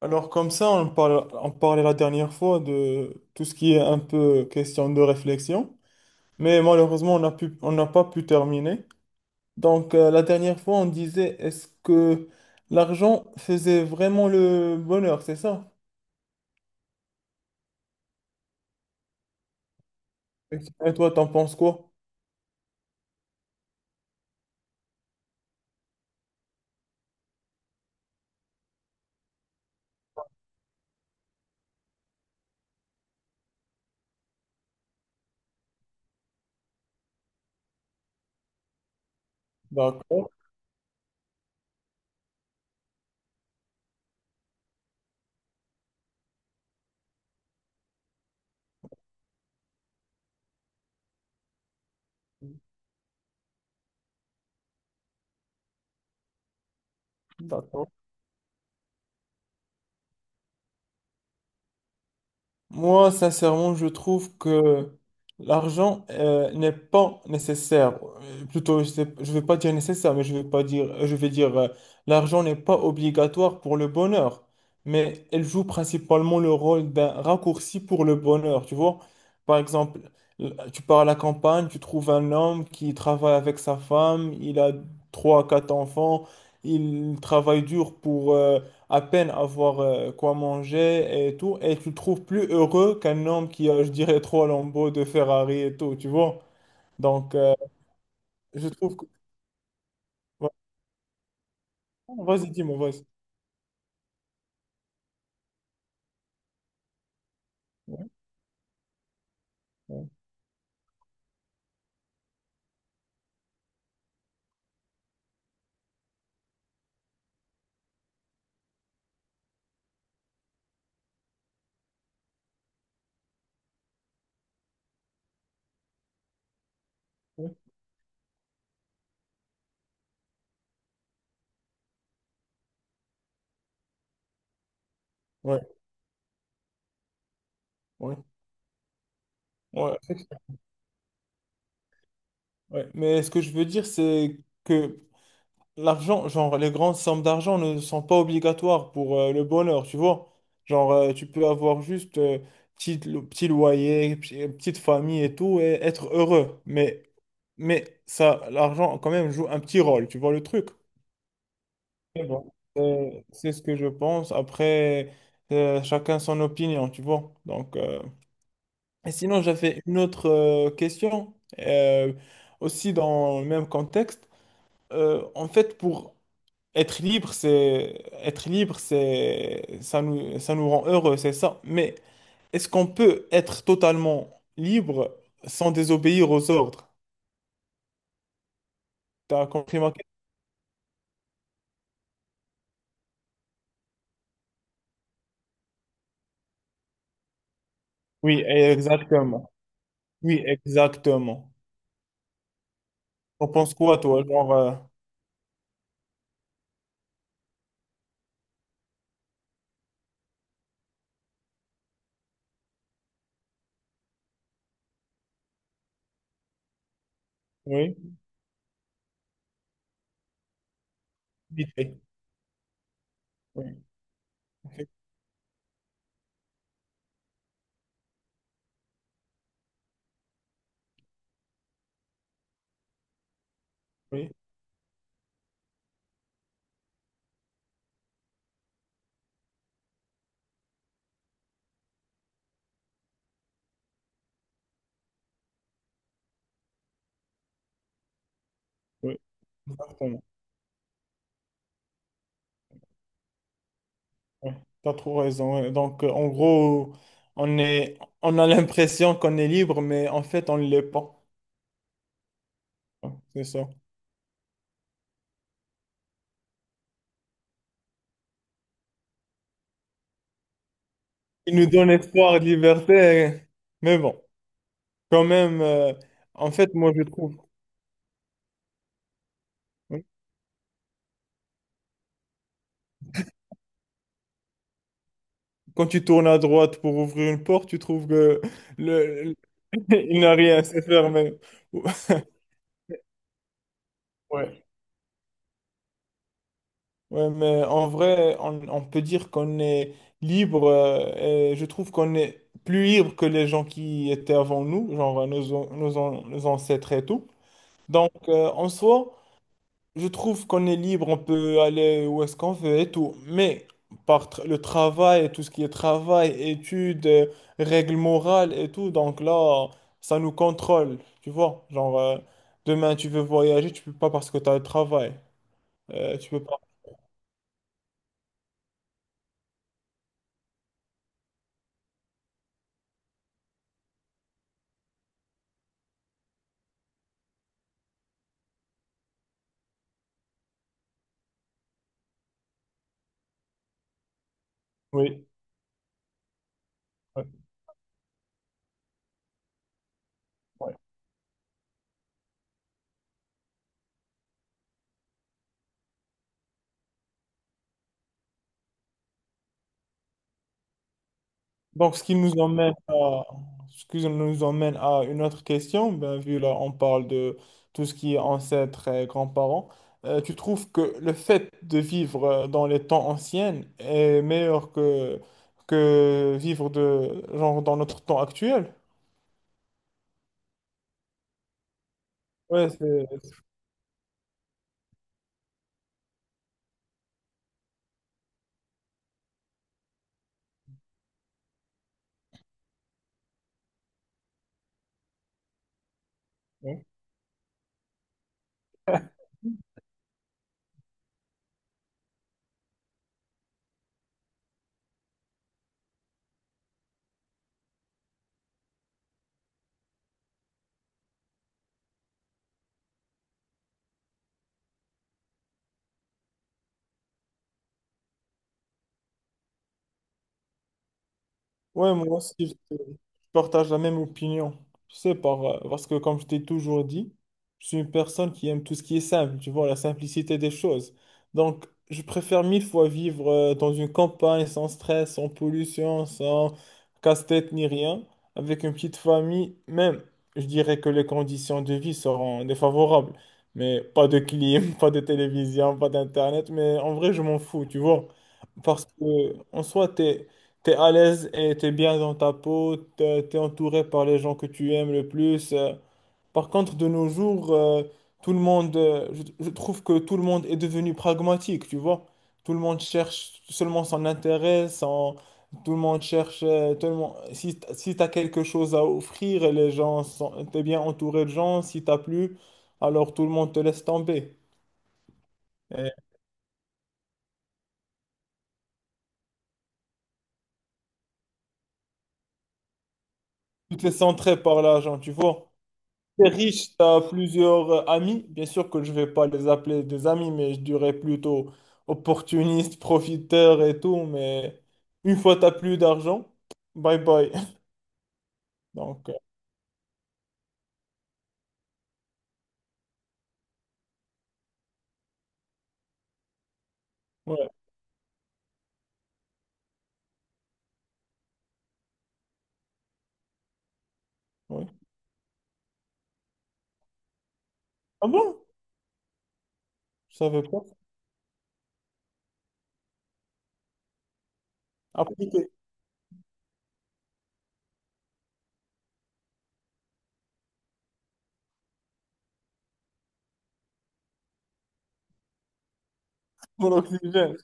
Alors comme ça, on parlait la dernière fois de tout ce qui est un peu question de réflexion, mais malheureusement, on n'a pas pu terminer. Donc la dernière fois, on disait, est-ce que l'argent faisait vraiment le bonheur, c'est ça? Et toi, t'en penses quoi? D'accord. D'accord. Moi, sincèrement, je trouve que l'argent n'est pas nécessaire. Plutôt, je ne vais pas dire nécessaire, mais je vais pas dire, je vais dire l'argent n'est pas obligatoire pour le bonheur, mais elle joue principalement le rôle d'un raccourci pour le bonheur. Tu vois, par exemple, tu pars à la campagne, tu trouves un homme qui travaille avec sa femme, il a trois, quatre enfants, il travaille dur pour à peine avoir quoi manger et tout, et tu le trouves plus heureux qu'un homme qui a, je dirais, trois lambeaux de Ferrari et tout, tu vois. Donc, je trouve que... Ouais. Vas-y, dis-moi, vas-y. Ouais, ouais, ouais, ouais. Ouais. Mais ce que je veux dire, c'est que l'argent, genre, les grandes sommes d'argent ne sont pas obligatoires pour le bonheur, tu vois. Genre, tu peux avoir juste petit, petit loyer, petite famille et tout, et être heureux. Mais ça, l'argent, quand même, joue un petit rôle, tu vois le truc. Mais bon, c'est ce que je pense. Après, chacun son opinion, tu vois. Donc, et sinon, j'avais une autre question, euh, aussi dans le même contexte. En fait, pour être libre, c'est ça nous rend heureux, c'est ça. Mais est-ce qu'on peut être totalement libre sans désobéir aux ordres? T'as compris ma question? Oui, exactement. Oui, exactement. On pense quoi, toi? Genre, oui, vite fait. Oui, oui, oui, exactement. Oui, t'as trop raison. Ouais. Donc, en gros, on est, on a l'impression qu'on est libre, mais en fait, on ne l'est pas. Ouais, c'est ça. Il nous donne espoir et liberté. Mais bon, quand même, en fait, moi, je trouve, quand tu tournes à droite pour ouvrir une porte, tu trouves que le, il n'a rien à se faire. Mais... Ouais. Ouais, mais en vrai, on peut dire qu'on est libre, et je trouve qu'on est plus libre que les gens qui étaient avant nous, genre nos ancêtres et tout. Donc, en soi, je trouve qu'on est libre, on peut aller où est-ce qu'on veut et tout, mais le travail, tout ce qui est travail, études, règles morales et tout, donc là, ça nous contrôle, tu vois. Genre, demain, tu veux voyager, tu peux pas parce que tu as le travail. Tu peux pas. Oui. Ouais. Donc, ce qui nous emmène à, ce qui nous emmène à une autre question, ben, vu là, on parle de tout ce qui est ancêtres et grands-parents, tu trouves que le fait de vivre dans les temps anciens est meilleur que vivre de, genre, dans notre temps actuel? Ouais, c'est- ouais, moi aussi. Partage la même opinion. Tu sais, parce que comme je t'ai toujours dit, je suis une personne qui aime tout ce qui est simple, tu vois, la simplicité des choses. Donc, je préfère mille fois vivre dans une campagne sans stress, sans pollution, sans casse-tête ni rien, avec une petite famille. Même, je dirais que les conditions de vie seront défavorables. Mais pas de clim, pas de télévision, pas d'internet. Mais en vrai, je m'en fous, tu vois. Parce que, en soi, t'es à l'aise et t'es bien dans ta peau, t'es entouré par les gens que tu aimes le plus. Par contre, de nos jours, tout le monde, je trouve que tout le monde est devenu pragmatique, tu vois. Tout le monde cherche seulement son intérêt, tout le monde cherche, si, si t'as quelque chose à offrir, les gens sont, t'es bien entouré de gens, si t'as plus, alors tout le monde te laisse tomber. Et tout est centré par l'argent, tu vois. T'es riche, tu as plusieurs amis. Bien sûr que je vais pas les appeler des amis, mais je dirais plutôt opportuniste, profiteur et tout. Mais une fois que tu plus d'argent, bye bye. Donc, ouais, ouais. Ah bon? Je savais pas. Appliquer mon oxygène.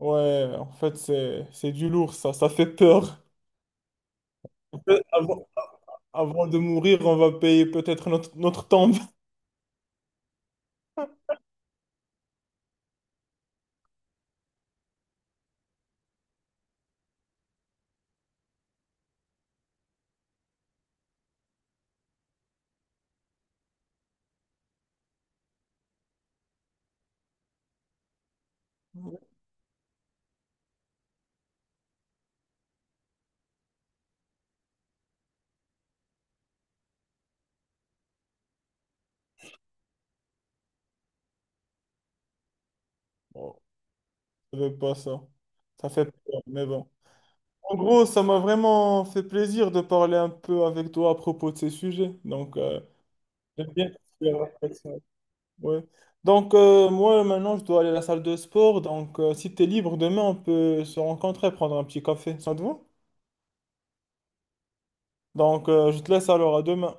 Ouais, en fait, c'est du lourd, ça. Ça fait peur. Peut- Avant, avant, de mourir, on va payer peut-être notre, notre tombe. Bon, je savais pas ça. Ça fait peur, mais bon. En gros, ça m'a vraiment fait plaisir de parler un peu avec toi à propos de ces sujets. Donc, j'aime bien la réflexion. Ouais. Donc, moi, maintenant, je dois aller à la salle de sport. Donc, si tu es libre demain, on peut se rencontrer, prendre un petit café. Ça te va? Donc, je te laisse alors à demain.